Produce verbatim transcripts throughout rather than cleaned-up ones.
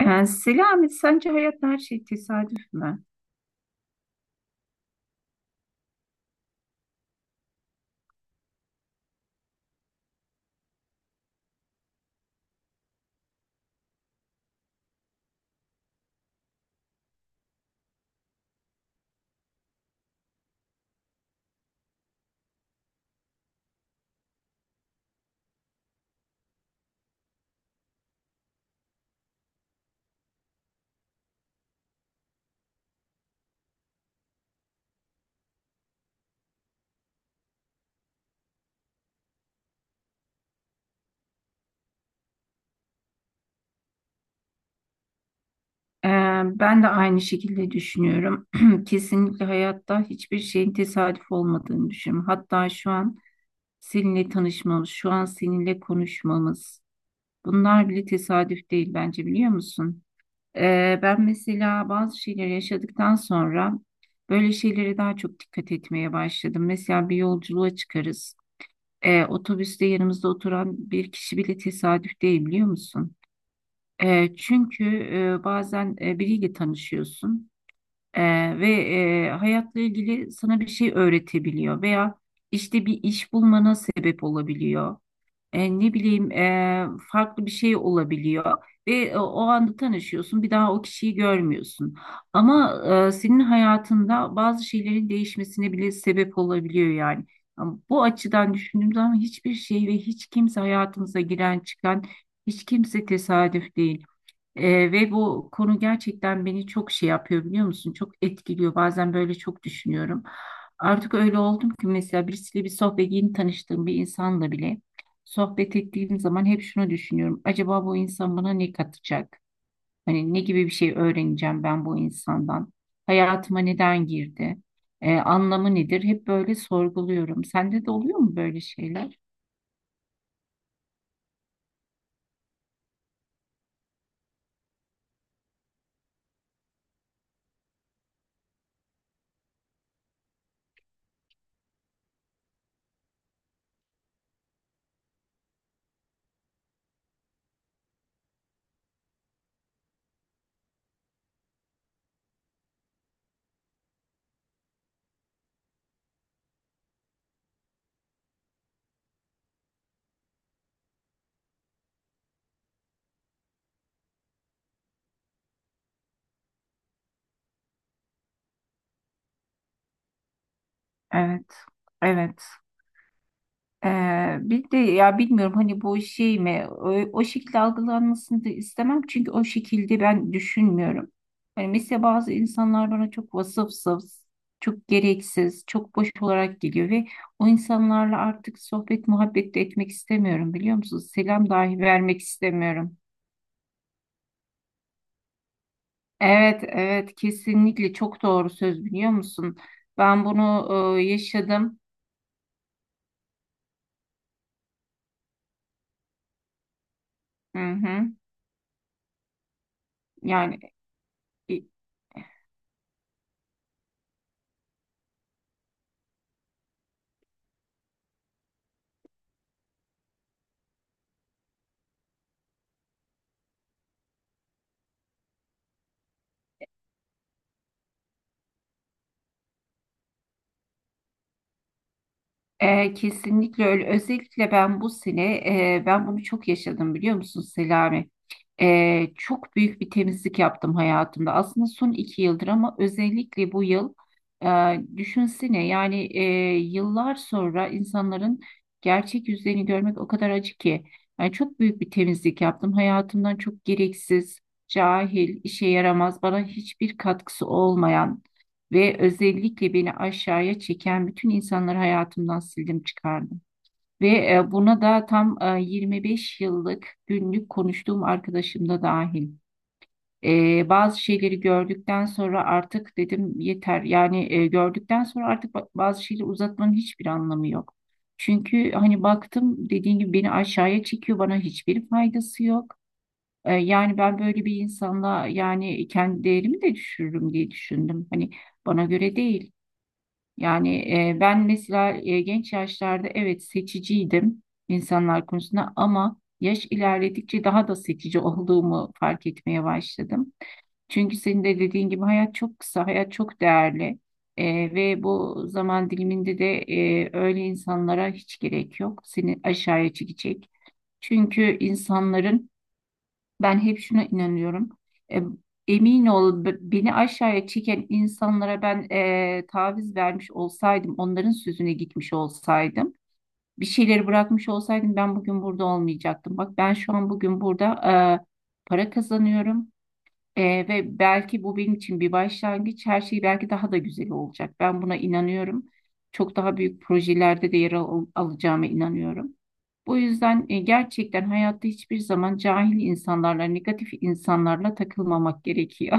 Ee, Selami, sence hayatta her şey tesadüf mü? Ee, Ben de aynı şekilde düşünüyorum. Kesinlikle hayatta hiçbir şeyin tesadüf olmadığını düşünüyorum. Hatta şu an seninle tanışmamız, şu an seninle konuşmamız, bunlar bile tesadüf değil bence biliyor musun? Ee, ben mesela bazı şeyleri yaşadıktan sonra böyle şeylere daha çok dikkat etmeye başladım. Mesela bir yolculuğa çıkarız. Ee, otobüste yanımızda oturan bir kişi bile tesadüf değil biliyor musun? E, çünkü e, bazen e, biriyle tanışıyorsun e, ve e, hayatla ilgili sana bir şey öğretebiliyor veya işte bir iş bulmana sebep olabiliyor. E, ne bileyim e, farklı bir şey olabiliyor ve e, o anda tanışıyorsun bir daha o kişiyi görmüyorsun. Ama e, senin hayatında bazı şeylerin değişmesine bile sebep olabiliyor yani. Ama bu açıdan düşündüğüm zaman hiçbir şey ve hiç kimse hayatımıza giren çıkan hiç kimse tesadüf değil. Ee, ve bu konu gerçekten beni çok şey yapıyor biliyor musun? Çok etkiliyor. Bazen böyle çok düşünüyorum. Artık öyle oldum ki mesela birisiyle bir sohbet yeni tanıştığım bir insanla bile sohbet ettiğim zaman hep şunu düşünüyorum. Acaba bu insan bana ne katacak? Hani ne gibi bir şey öğreneceğim ben bu insandan? Hayatıma neden girdi? Ee, anlamı nedir? Hep böyle sorguluyorum. Sende de oluyor mu böyle şeyler? Evet. Evet. Ee, bir de ya bilmiyorum hani bu şey mi o, o şekilde algılanmasını da istemem çünkü o şekilde ben düşünmüyorum. Hani mesela bazı insanlar bana çok vasıfsız, çok gereksiz, çok boş olarak geliyor ve o insanlarla artık sohbet muhabbet de etmek istemiyorum biliyor musunuz? Selam dahi vermek istemiyorum. Evet, evet, kesinlikle çok doğru söz biliyor musun? Ben bunu e, yaşadım. Hı hı. Yani İ- E, kesinlikle öyle. Özellikle ben bu sene e, ben bunu çok yaşadım biliyor musun Selami? E, çok büyük bir temizlik yaptım hayatımda. Aslında son iki yıldır ama özellikle bu yıl e, düşünsene yani e, yıllar sonra insanların gerçek yüzlerini görmek o kadar acı ki. Yani çok büyük bir temizlik yaptım. Hayatımdan çok gereksiz, cahil, işe yaramaz, bana hiçbir katkısı olmayan ve özellikle beni aşağıya çeken bütün insanları hayatımdan sildim çıkardım. Ve e, buna da tam e, yirmi beş yıllık günlük konuştuğum arkadaşım da dahil. E, bazı şeyleri gördükten sonra artık dedim yeter. Yani e, gördükten sonra artık ba- bazı şeyleri uzatmanın hiçbir anlamı yok. Çünkü hani baktım dediğim gibi beni aşağıya çekiyor, bana hiçbir faydası yok. E, yani ben böyle bir insanla yani kendi değerimi de düşürürüm diye düşündüm. Hani bana göre değil. Yani e, ben mesela e, genç yaşlarda evet seçiciydim insanlar konusunda ama yaş ilerledikçe daha da seçici olduğumu fark etmeye başladım. Çünkü senin de dediğin gibi hayat çok kısa, hayat çok değerli. E, Ve bu zaman diliminde de e, öyle insanlara hiç gerek yok. Seni aşağıya çekecek. Çünkü insanların ben hep şuna inanıyorum. E, Emin ol b- beni aşağıya çeken insanlara ben e, taviz vermiş olsaydım, onların sözüne gitmiş olsaydım, bir şeyleri bırakmış olsaydım ben bugün burada olmayacaktım. Bak ben şu an bugün burada e, para kazanıyorum e, ve belki bu benim için bir başlangıç. Her şey belki daha da güzel olacak. Ben buna inanıyorum. Çok daha büyük projelerde de yer al alacağıma inanıyorum. Bu yüzden e, gerçekten hayatta hiçbir zaman cahil insanlarla, negatif insanlarla takılmamak gerekiyor.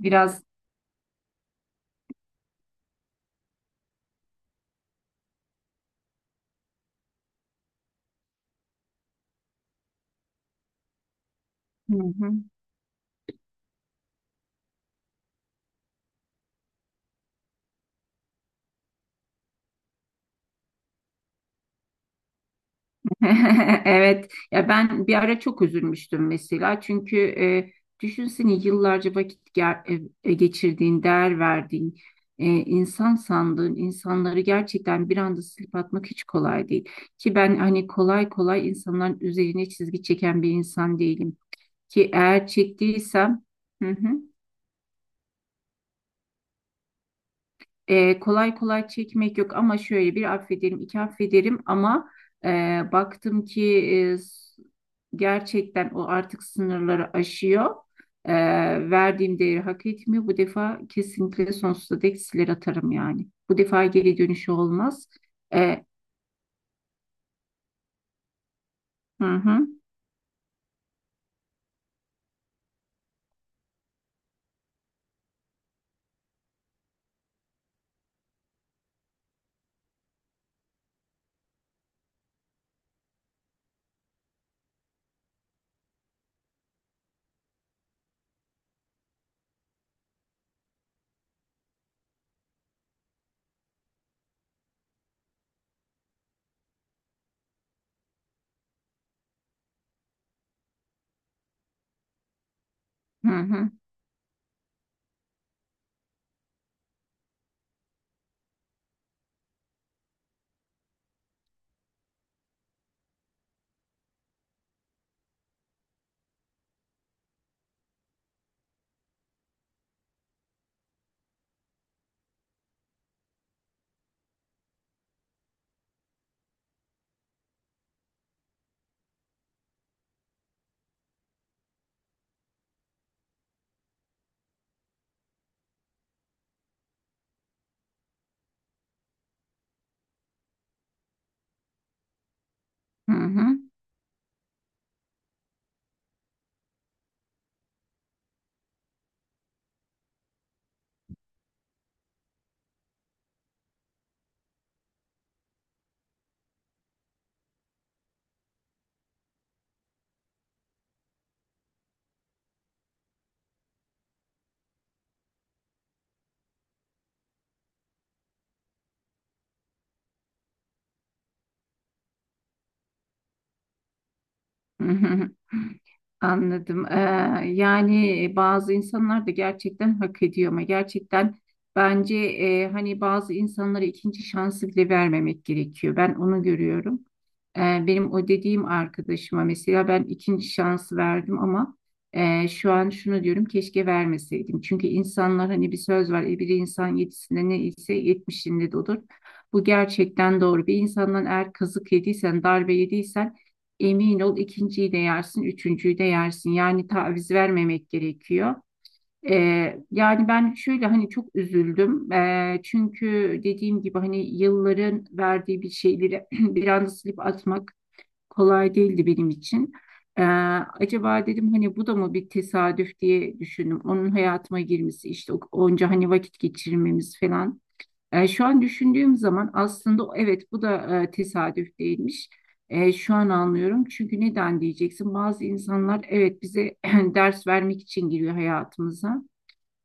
Biraz. Hı hı. Evet, ya ben bir ara çok üzülmüştüm mesela çünkü e, düşünsene yıllarca vakit ger- e, e, geçirdiğin, değer verdiğin, e, insan sandığın insanları gerçekten bir anda silip atmak hiç kolay değil. Ki ben hani kolay kolay insanların üzerine çizgi çeken bir insan değilim. Ki eğer çektiysem, hı hı. E, kolay kolay çekmek yok ama şöyle bir affederim, iki affederim ama e, baktım ki e, s- gerçekten o artık sınırları aşıyor. E, Verdiğim değeri hak etmiyor. Bu defa kesinlikle sonsuza dek siler atarım yani. Bu defa geri dönüşü olmaz. E, hı hı, hı hı, hı hı, hı hı. Anladım. Ee, yani bazı insanlar da gerçekten hak ediyor ama gerçekten bence e, hani bazı insanlara ikinci şansı bile vermemek gerekiyor. Ben onu görüyorum. Ee, Benim o dediğim arkadaşıma mesela ben ikinci şansı verdim ama e, şu an şunu diyorum keşke vermeseydim. Çünkü insanlar hani bir söz var e, bir insan yedisinde ne ise yetmişinde de olur. Bu gerçekten doğru. Bir insandan eğer kazık yediysen, darbe yediysen emin ol ikinciyi de yersin, üçüncüyü de yersin. Yani taviz vermemek gerekiyor. Ee, yani ben şöyle hani çok üzüldüm. Ee, çünkü dediğim gibi hani yılların verdiği bir şeyleri bir anda silip atmak kolay değildi benim için. Ee, Acaba dedim hani bu da mı bir tesadüf diye düşündüm. Onun hayatıma girmesi işte o- onca hani vakit geçirmemiz falan. E, şu an düşündüğüm zaman aslında o- evet bu da e, tesadüf değilmiş. E, şu an anlıyorum. Çünkü neden diyeceksin? Bazı insanlar evet bize ders vermek için giriyor hayatımıza.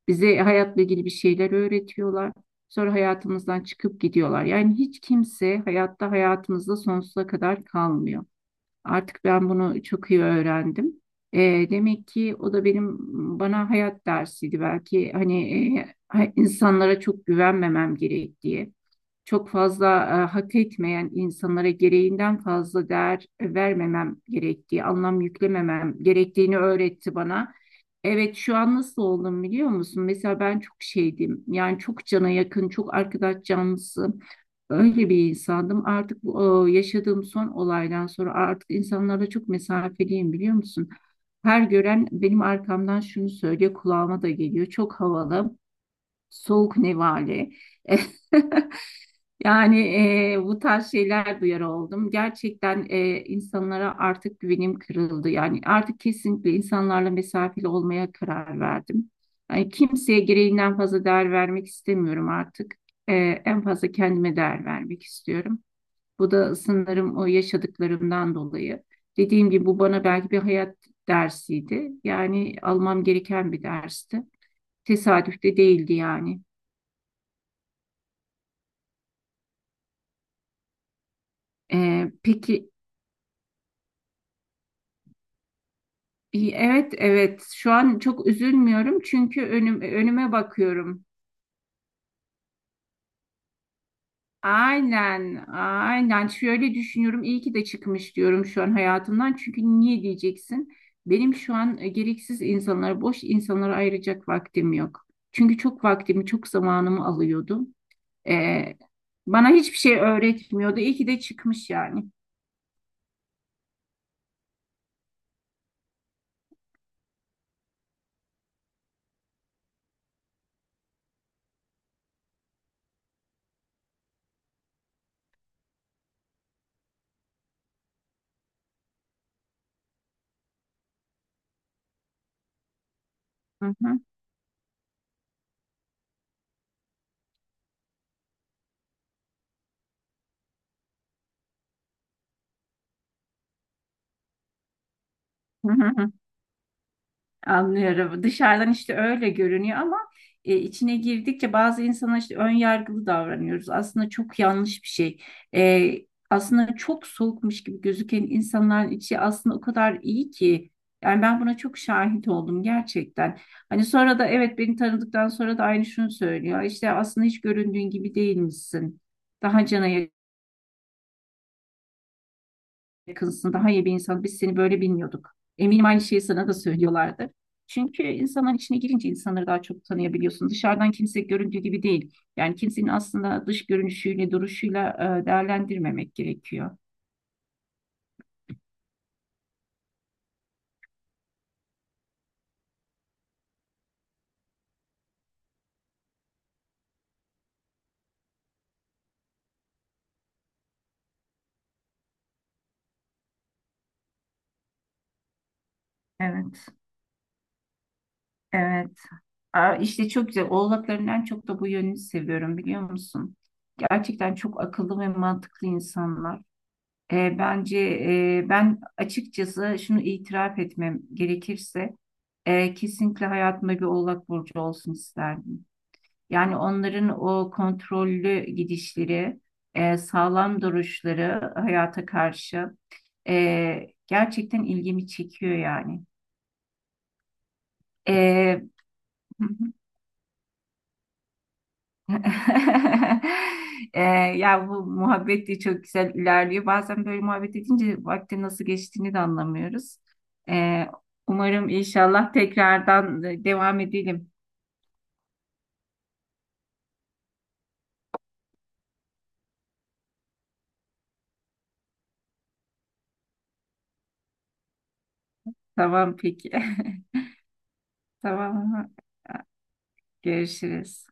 Bize hayatla ilgili bir şeyler öğretiyorlar. Sonra hayatımızdan çıkıp gidiyorlar. Yani hiç kimse hayatta hayatımızda sonsuza kadar kalmıyor. Artık ben bunu çok iyi öğrendim. E, demek ki o da benim bana hayat dersiydi belki. Hani e, insanlara çok güvenmemem gerektiği çok fazla e, hak etmeyen insanlara gereğinden fazla değer vermemem gerektiği, anlam yüklememem gerektiğini öğretti bana. Evet, şu an nasıl oldum biliyor musun? Mesela ben çok şeydim. Yani çok cana yakın, çok arkadaş canlısı. Öyle bir insandım. Artık bu e, yaşadığım son olaydan sonra artık insanlarla çok mesafeliyim biliyor musun? Her gören benim arkamdan şunu söylüyor, kulağıma da geliyor. Çok havalı, soğuk nevale. Yani e, bu tarz şeyler duyar oldum. Gerçekten e, insanlara artık güvenim kırıldı. Yani artık kesinlikle insanlarla mesafeli olmaya karar verdim. Yani kimseye gereğinden fazla değer vermek istemiyorum artık. E, En fazla kendime değer vermek istiyorum. Bu da sanırım o yaşadıklarımdan dolayı. Dediğim gibi bu bana belki bir hayat dersiydi. Yani almam gereken bir dersti. Tesadüf de değildi yani. E, peki. İyi, evet, evet, şu an çok üzülmüyorum çünkü önüm, önüme bakıyorum. Aynen, aynen, şöyle düşünüyorum iyi ki de çıkmış diyorum şu an hayatımdan çünkü niye diyeceksin? Benim şu an e, gereksiz insanlara boş insanlara ayıracak vaktim yok. Çünkü çok vaktimi çok zamanımı alıyordu. Ee, Bana hiçbir şey öğretmiyordu. İyi ki de çıkmış yani. Hı hı, hı hı, hı. Anlıyorum. Dışarıdan işte öyle görünüyor ama e, içine girdikçe bazı insana işte ön yargılı davranıyoruz. Aslında çok yanlış bir şey. E, Aslında çok soğukmuş gibi gözüken insanların içi aslında o kadar iyi ki. Yani ben buna çok şahit oldum gerçekten. Hani sonra da evet beni tanıdıktan sonra da aynı şunu söylüyor. İşte aslında hiç göründüğün gibi değilmişsin. Daha cana yakınsın, daha iyi bir insan. Biz seni böyle bilmiyorduk. Eminim aynı şeyi sana da söylüyorlardır. Çünkü insanların içine girince insanları daha çok tanıyabiliyorsun. Dışarıdan kimse göründüğü gibi değil. Yani kimsenin aslında dış görünüşüyle, duruşuyla e, değerlendirmemek gerekiyor. Evet, evet. Aa, işte çok güzel. Oğlakların en çok da bu yönünü seviyorum biliyor musun? Gerçekten çok akıllı ve mantıklı insanlar. Ee, bence e, ben açıkçası şunu itiraf etmem gerekirse e, kesinlikle hayatımda bir oğlak burcu olsun isterdim. Yani onların o kontrollü gidişleri, e, sağlam duruşları hayata karşı e, gerçekten ilgimi çekiyor yani. E, Ee, ya bu muhabbet de çok güzel ilerliyor. Bazen böyle muhabbet edince vaktin nasıl geçtiğini de anlamıyoruz. Ee, Umarım inşallah tekrardan devam edelim. Tamam, peki. Tamam. Görüşürüz.